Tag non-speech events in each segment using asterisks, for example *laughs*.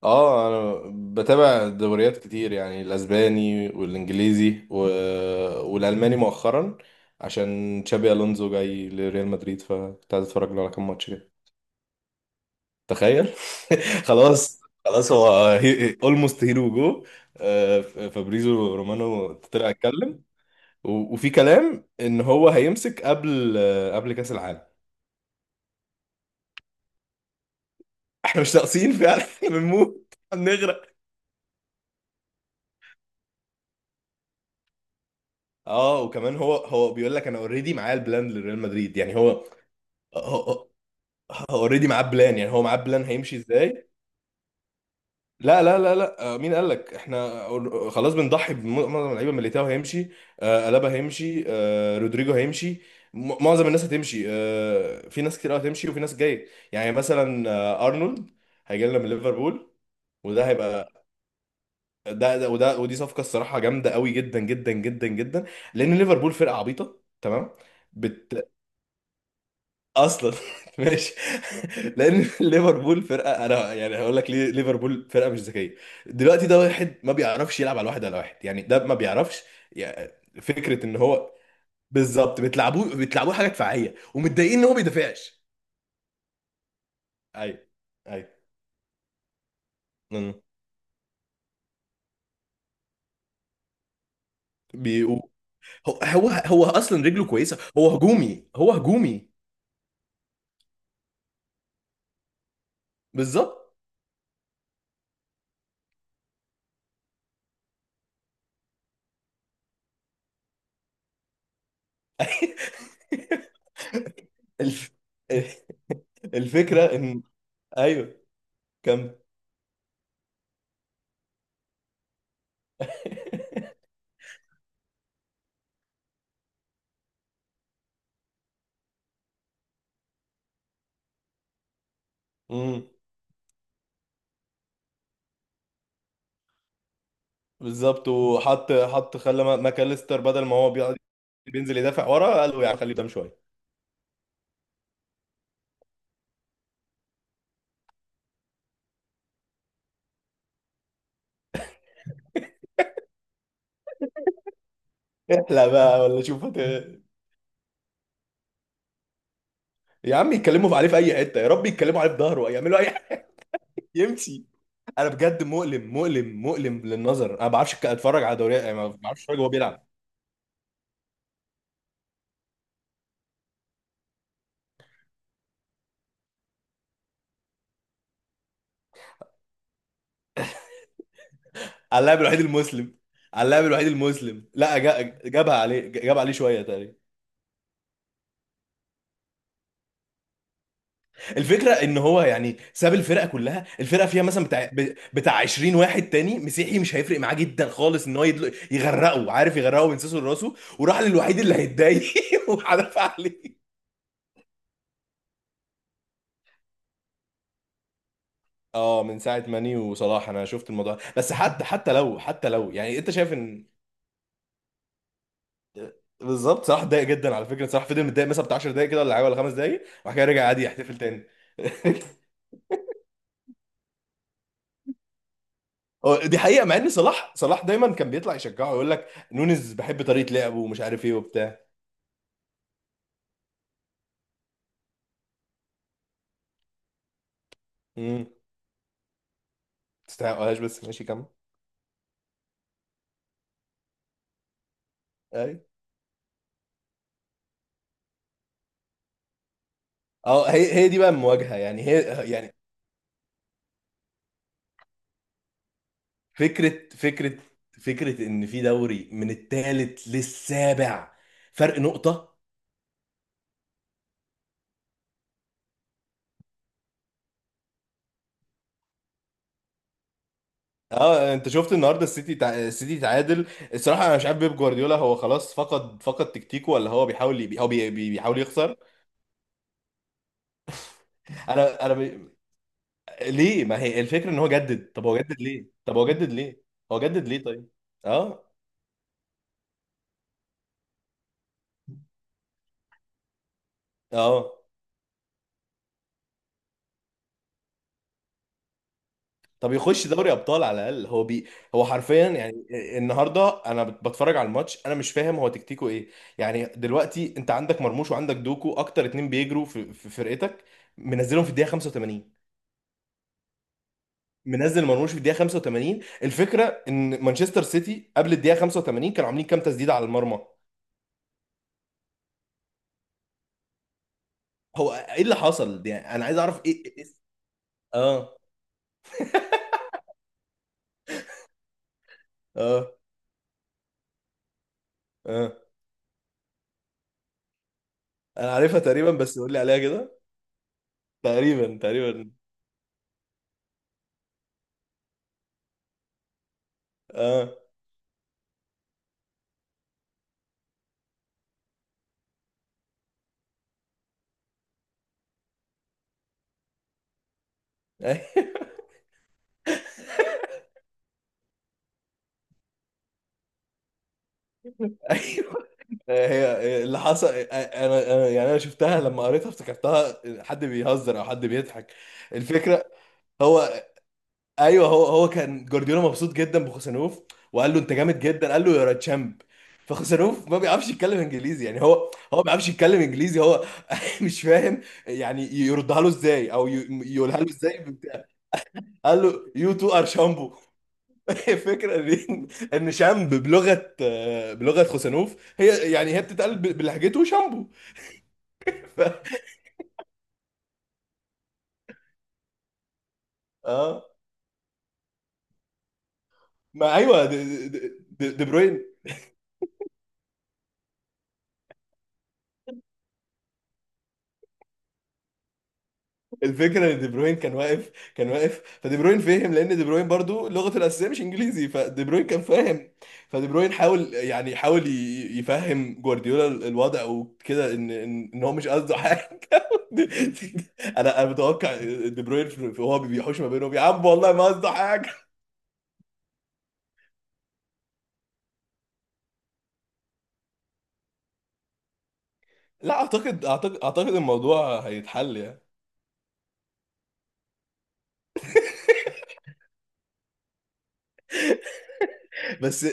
اه، انا بتابع دوريات كتير، يعني الاسباني والانجليزي و... والالماني مؤخرا، عشان تشابي الونزو جاي لريال مدريد، فكنت عايز اتفرج له على كام ماتش كده. تخيل. *laughs* خلاص خلاص، هو اولموست هيرو جو. فابريزو رومانو طلع اتكلم، و... وفي كلام ان هو هيمسك قبل، قبل كاس العالم. *laughs* احنا مش ناقصين فعلا. *laughs* احنا بنموت بنغرق. اه، وكمان هو بيقول لك انا اوريدي معايا البلان لريال مدريد، يعني هو. هو اوريدي معاه بلان، يعني هو معاه بلان هيمشي ازاي. لا لا لا لا، مين قال لك احنا خلاص، بنضحي بمعظم اللعيبه. ميليتاو هيمشي، الابا هيمشي، رودريجو هيمشي، معظم الناس هتمشي. في ناس كتير قوي هتمشي وفي ناس جايه. يعني مثلا ارنولد هيجي لنا من ليفربول. وده هيبقى ده، وده، ودي صفقه. الصراحه جامده قوي، جدا جدا جدا جدا، لان ليفربول فرقه عبيطه تمام اصلا. *laughs* ماشي. *laughs* لان ليفربول فرقه، انا يعني هقول لك ليه ليفربول فرقه مش ذكيه. دلوقتي ده واحد ما بيعرفش يلعب على واحد على واحد، يعني ده ما بيعرفش، يعني. فكره ان هو بالظبط بتلعبوه بتلعبوه حاجه دفاعيه، ومتضايقين ان هو ما بيدافعش. ايوه، ايوه. أمم. بيقو هو اصلا رجله كويسه، هو هجومي، هو هجومي. بالظبط. *laughs* الف... الفكره ان، ايوه، كم. *laughs* بالظبط. وحط خلى ماكاليستر بدل ما هو بيقعد بينزل يدافع ورا، قال له يعني خليه قدام شويه. احلى بقى، ولا شوف يا عم، يتكلموا عليه في اي حته، يا رب يتكلموا عليه في ظهره، يعملوا اي حاجه يمشي. انا بجد مؤلم مؤلم مؤلم للنظر. انا ما بعرفش اتفرج على دوري، يعني ما بعرفش اتفرج وهو بيلعب. على اللاعب الوحيد المسلم. على اللاعب الوحيد المسلم، لا جابها عليه، جابها عليه شويه تقريبا. الفكره ان هو يعني ساب الفرقه كلها، الفرقه فيها مثلا بتاع بتاع 20 واحد تاني مسيحي، مش هيفرق معاه جدا خالص ان هو يغرقه، عارف، يغرقه من سيسو لراسه، وراح للوحيد اللي هيتضايق. *laughs* وحدف عليه. اه، من ساعه ماني وصلاح انا شفت الموضوع ده. بس حتى لو، يعني، انت شايف ان بالظبط. صلاح اتضايق جدا على فكره، صلاح فضل متضايق مثلا بتاع 10 دقايق كده ولا حاجه، ولا 5 دقايق، وبعد كده رجع عادي يحتفل تاني. *laughs* هو دي حقيقه، مع ان صلاح دايما كان بيطلع يشجعه، يقول لك نونز بحب طريقه لعبه ومش عارف ايه وبتاع. تستحقهاش، بس ماشي كمل. ايوه. اه، هي دي بقى المواجهه، يعني هي، يعني. فكره فكره فكره ان في دوري من الثالث للسابع فرق نقطه. اه، انت شفت النهارده السيتي السيتي تعادل؟ الصراحه انا مش عارف بيب جوارديولا، هو خلاص فقد تكتيكه، ولا هو بيحاول ي... هو بي... بي- بيحاول يخسر. انا ليه؟ ما هي الفكره ان هو جدد. طب هو جدد ليه؟ طب هو جدد ليه؟ هو جدد ليه طيب؟ اه، اه. طب يخش دوري ابطال على الاقل. هو حرفيا يعني. النهارده انا بتفرج على الماتش، انا مش فاهم هو تكتيكه ايه. يعني دلوقتي انت عندك مرموش وعندك دوكو، اكتر اتنين بيجروا في فرقتك، منزلهم في الدقيقه 85، منزل مرموش في الدقيقه 85. الفكره ان مانشستر سيتي قبل الدقيقه 85 كانوا عاملين كام تسديده على المرمى؟ هو ايه اللي حصل يعني، انا عايز اعرف اه، اه، اه. انا عارفها تقريبا، بس قول لي عليها كده. تقريبا تقريبا. اه. *laughs* ايوه، هي هي اللي حصل. انا يعني انا شفتها لما قريتها افتكرتها حد بيهزر او حد بيضحك. الفكره هو، ايوه، هو كان جوارديولا مبسوط جدا بخوسانوف، وقال له انت جامد جدا، قال له يا تشامب. فخوسانوف ما بيعرفش يتكلم انجليزي، يعني هو ما بيعرفش يتكلم انجليزي. هو *laughs* مش فاهم يعني يردها له ازاي، او يقولها له ازاي بتاع. قال له يو تو ار شامبو. *laughs* الفكره ان شامب بلغه، بلغه خوسانوف، هي يعني هي بتتقال بلهجته شامبو. *laughs* ف... اه. ما ايوه، دي بروين. الفكره ان دي بروين كان واقف، فدي بروين فهم، لان دي بروين برضو لغته الاساسيه مش انجليزي، فدي بروين كان فاهم. فدي بروين حاول، يعني حاول يفهم جوارديولا الوضع وكده، ان ان إن هو مش قصده حاجه. *laughs* انا متوقع دي بروين وهو بيحوش ما بينهم، يا عم والله ما قصده حاجه. لا، اعتقد الموضوع هيتحل يعني. بس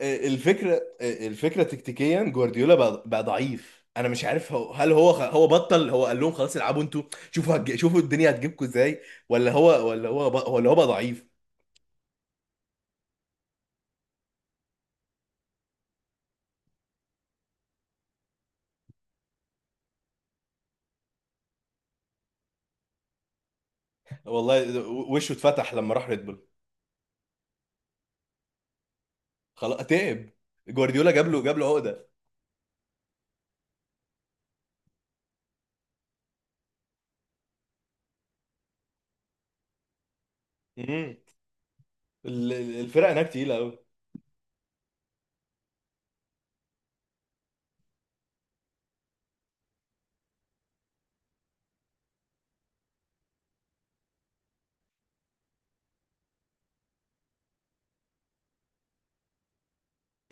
الفكره تكتيكيا، جوارديولا بقى ضعيف. انا مش عارف هو، هو بطل، هو قال لهم خلاص العبوا انتوا، شوفوا الدنيا هتجيبكم ازاي، ولا هو بقى ضعيف. والله وشه اتفتح لما راح ريد بول. خلاص تعب. جوارديولا جاب له عقده. امم الفرق هناك تقيله قوي.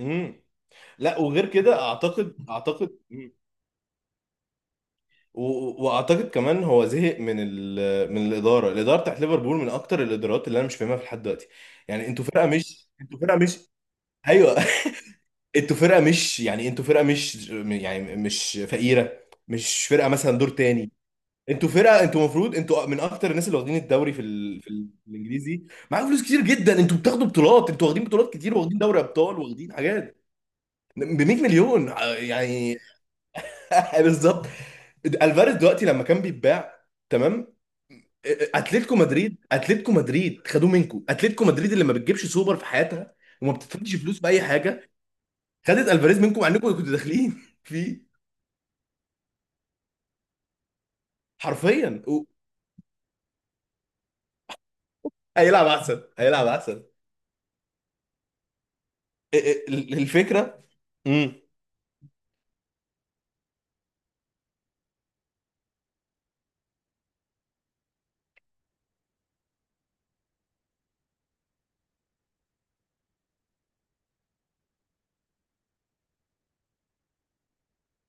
امم لا، وغير كده اعتقد، واعتقد كمان هو زهق من من الاداره بتاعت ليفربول، من اكتر الادارات اللي انا مش فاهمها في لحد دلوقتي. يعني انتوا فرقه مش، انتوا فرقه مش. ايوه. *laughs* انتوا فرقه مش، يعني انتوا فرقه مش، يعني مش فقيره، مش فرقه مثلا دور تاني. انتوا فرقه، انتوا المفروض انتوا من اكتر الناس اللي واخدين الدوري في في الانجليزي. معاكم فلوس كتير جدا، انتوا بتاخدوا بطولات، انتوا واخدين بطولات كتير، واخدين دوري ابطال، واخدين حاجات ب 100 مليون، يعني. *laughs* بالظبط. الفاريز دلوقتي لما كان بيتباع، تمام. اتلتيكو مدريد، اتلتيكو مدريد خدوه منكم، اتلتيكو مدريد اللي ما بتجيبش سوبر في حياتها، وما بتدفعش فلوس باي حاجه، خدت الفاريز منكم مع انكم كنتوا داخلين *laughs* فيه حرفيا. هيلعب احسن، هيلعب احسن. إيه، الفكره. امم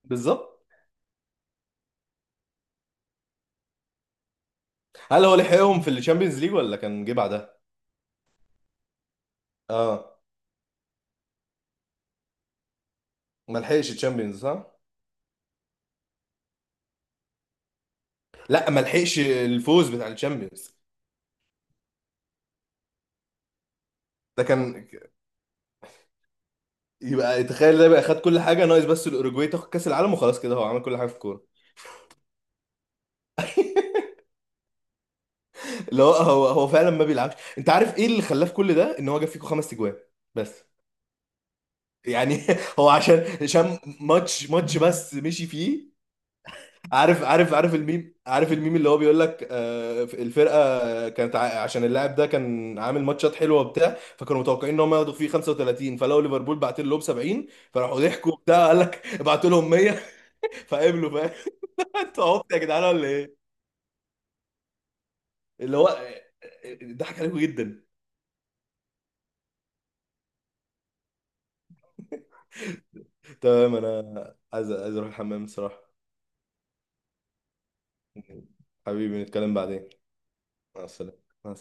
بالظبط. هل هو لحقهم في الشامبيونز ليج، ولا كان جه بعدها؟ اه. ما لحقش الشامبيونز، صح؟ لا، ما لحقش الفوز بتاع الشامبيونز. ده كان، يبقى تخيل، ده بقى خد كل حاجه، ناقص بس الاوروجواي تاخد كاس العالم، وخلاص كده هو عمل كل حاجه في الكوره. *laughs* لا هو، هو فعلا ما بيلعبش. انت عارف ايه اللي خلاه في كل ده؟ ان هو جاب فيكو خمس اجوان، بس، يعني. *laughs* هو عشان ماتش ماتش بس مشي فيه. عارف الميم، عارف الميم اللي هو بيقول لك، الفرقه كانت عشان اللاعب ده كان عامل ماتشات حلوه وبتاع، فكانوا متوقعين ان هم ياخدوا فيه 35، فلقوا ليفربول بعت لهم 70، فراحوا ضحكوا وبتاع، قال لك ابعتوا لهم 100، فقبلوا. فاهم؟ *laughs* انتوا عبط يا جدعان ولا ايه؟ اللي هو، ضحك عليكم جدا. تمام، انا عايز اروح الحمام بصراحة. حبيبي، نتكلم بعدين. مع السلامة، مع السلامة.